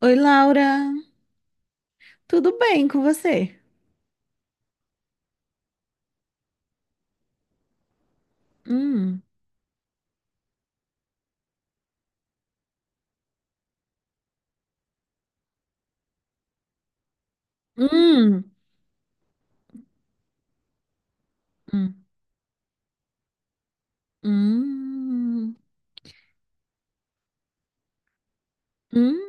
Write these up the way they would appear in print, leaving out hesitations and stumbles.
Oi, Laura. Tudo bem com você? Hum, hum, hum, hum, hum.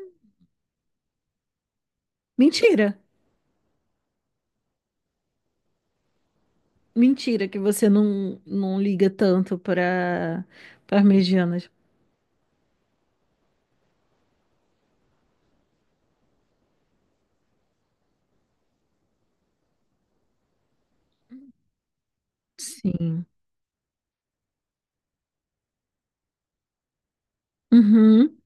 Mentira. Mentira que você não liga tanto para parmegianas. Sim. Uhum,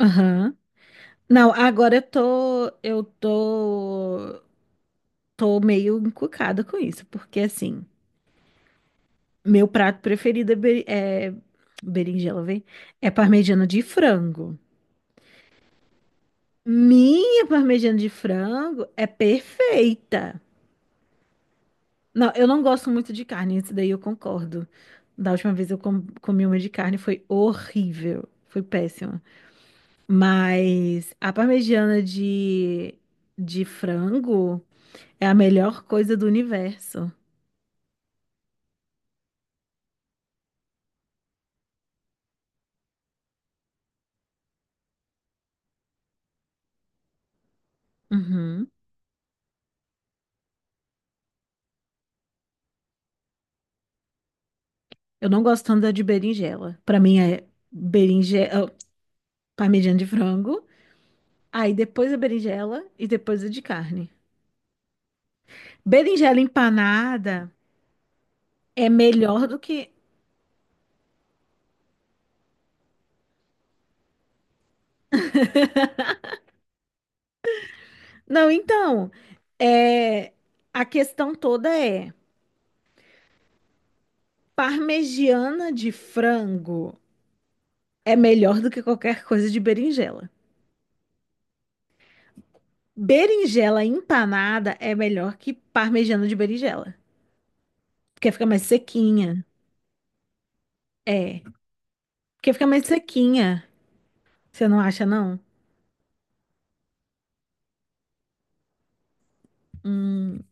aham. Não, agora tô meio encucada com isso, porque assim, meu prato preferido é berinjela, vem? É parmegiana de frango. Minha parmegiana de frango é perfeita. Não, eu não gosto muito de carne, isso daí eu concordo. Da última vez eu comi uma de carne, foi horrível, foi péssima. Mas a parmegiana de frango é a melhor coisa do universo. Uhum. Eu não gosto tanto da de berinjela. Pra mim é berinjela, oh, parmegiana de frango, aí depois a berinjela e depois a de carne. Berinjela empanada. É melhor do que. Não, então, é... a questão toda é: parmegiana de frango é melhor do que qualquer coisa de berinjela. Berinjela empanada é melhor que parmegiana de berinjela. Porque fica mais sequinha. É. Porque fica mais sequinha. Você não acha, não? Hum,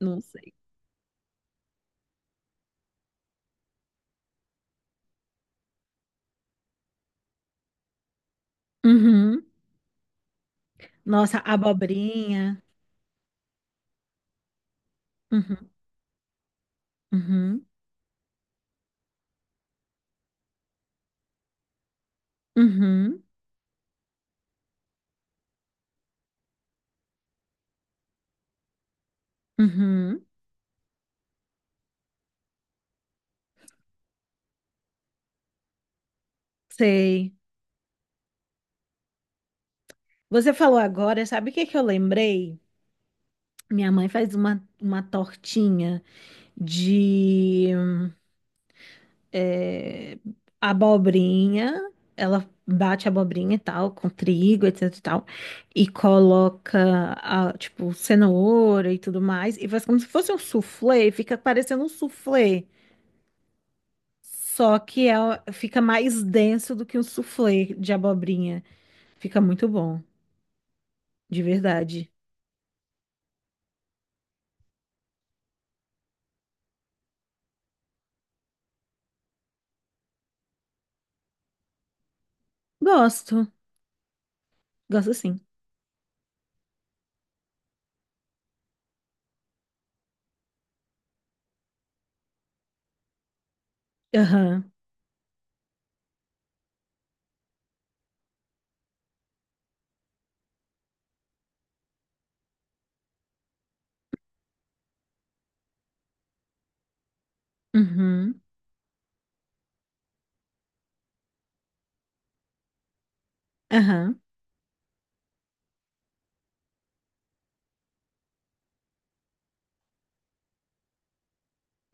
não sei. Uhum. Nossa, abobrinha. Uhum. Uhum. Uhum. Uhum. Sei. Você falou agora, sabe o que que eu lembrei? Minha mãe faz uma tortinha de eh, abobrinha. Ela bate a abobrinha e tal, com trigo, etc e tal. E coloca, tipo, cenoura e tudo mais. E faz como se fosse um soufflé. Fica parecendo um soufflé. Só que fica mais denso do que um soufflé de abobrinha. Fica muito bom, de verdade. Gosto, gosto sim. Aham. Uhum. Aham.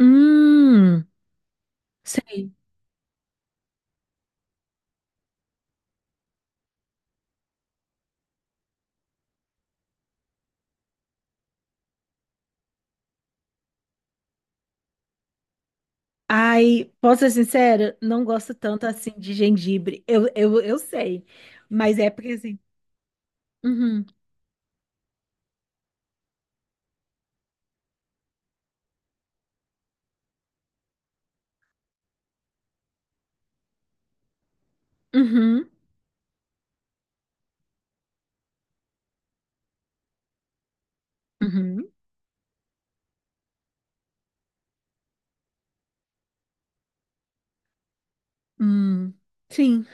Hum, sei. Ai, posso ser sincera? Não gosto tanto assim de gengibre. Eu sei. Mas é porque assim. Uhum. Uhum. Uhum. Hum. Sim,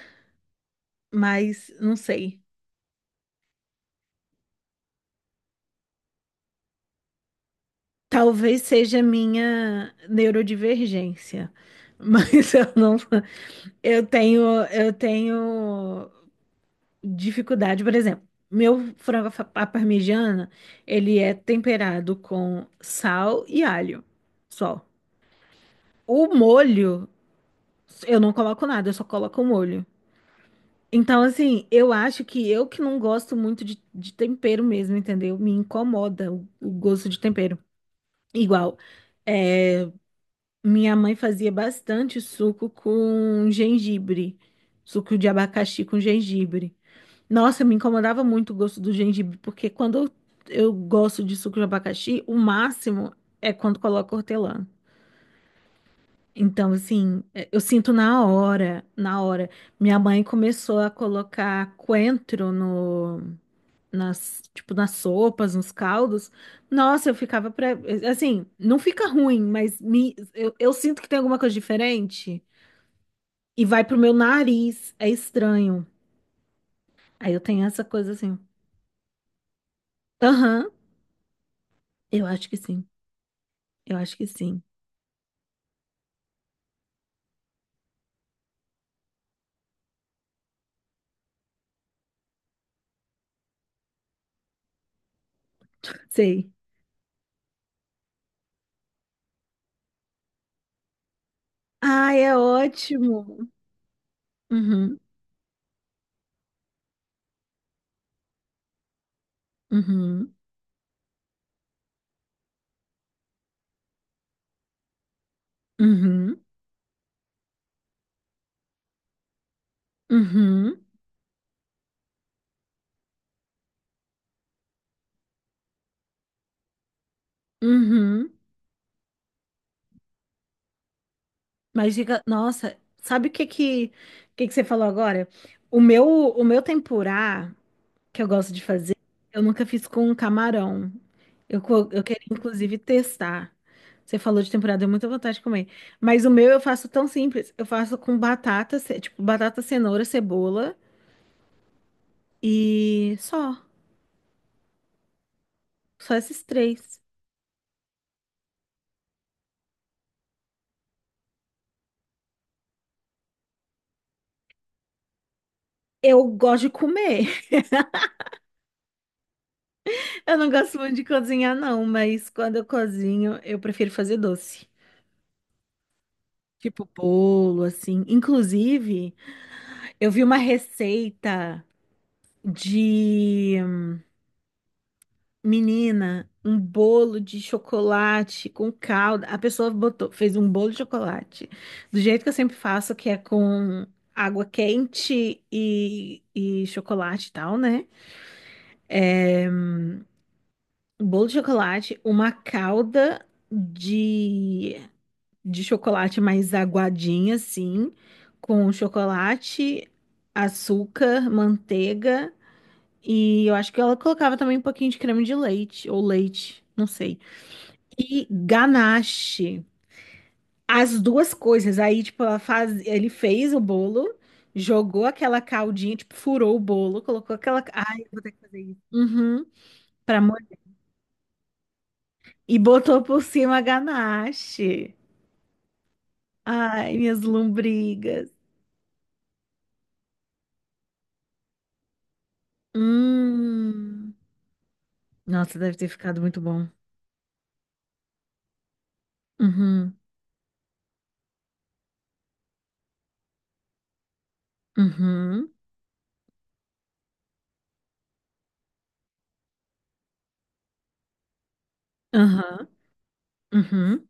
mas não sei. Talvez seja minha neurodivergência. Mas eu não. Eu tenho. Eu tenho dificuldade, por exemplo, meu frango à parmegiana, ele é temperado com sal e alho, só. O molho, eu não coloco nada, eu só coloco o molho. Então, assim, eu acho que eu que não gosto muito de tempero mesmo, entendeu? Me incomoda o gosto de tempero. Igual, é, minha mãe fazia bastante suco com gengibre, suco de abacaxi com gengibre. Nossa, me incomodava muito o gosto do gengibre, porque quando eu gosto de suco de abacaxi, o máximo é quando coloca hortelã. Então, assim, eu sinto na hora, na hora. Minha mãe começou a colocar coentro no, nas, tipo, nas sopas, nos caldos. Nossa, eu ficava assim, não fica ruim, mas eu sinto que tem alguma coisa diferente e vai pro meu nariz. É estranho. Aí eu tenho essa coisa assim. Aham, eu acho que sim. Eu acho que sim. Sei. Ai, é ótimo. Uhum, uhum, uhum, uhum, uhum. Mas diga, nossa, sabe o que que, você falou agora? O meu tempurá que eu gosto de fazer, eu nunca fiz com camarão. Eu queria, inclusive, testar. Você falou de tempurá, deu muita vontade de comer. Mas o meu eu faço tão simples. Eu faço com batata, tipo, batata, cenoura, cebola e só. Só esses três. Eu gosto de comer. Eu não gosto muito de cozinhar, não, mas quando eu cozinho, eu prefiro fazer doce. Tipo bolo, assim. Inclusive, eu vi uma receita de menina, um bolo de chocolate com calda. A pessoa botou, fez um bolo de chocolate, do jeito que eu sempre faço, que é com água quente e chocolate e tal, né? Um bolo de chocolate, uma calda de de chocolate mais aguadinha, assim, com chocolate, açúcar, manteiga e eu acho que ela colocava também um pouquinho de creme de leite ou leite, não sei. E ganache. As duas coisas. Aí, tipo, ela faz, ele fez o bolo, jogou aquela caldinha, tipo, furou o bolo, colocou aquela, ai, eu vou ter que fazer isso. Uhum. Pra mo- e botou por cima a ganache. Ai, minhas lombrigas. Hum. Nossa, deve ter ficado muito bom. Uhum, uhum, aham, uhum,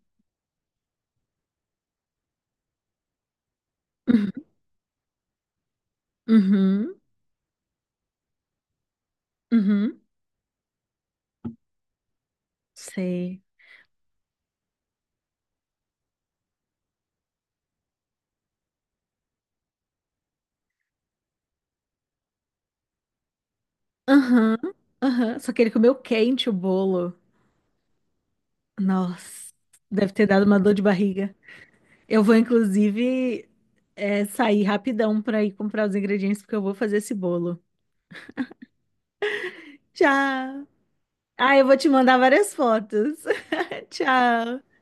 uhum, uhum, uhum, sei. Aham, aham. Só que ele comeu quente o bolo. Nossa, deve ter dado uma dor de barriga. Eu vou, inclusive, sair rapidão pra ir comprar os ingredientes, porque eu vou fazer esse bolo. Tchau! Ah, eu vou te mandar várias fotos. Tchau!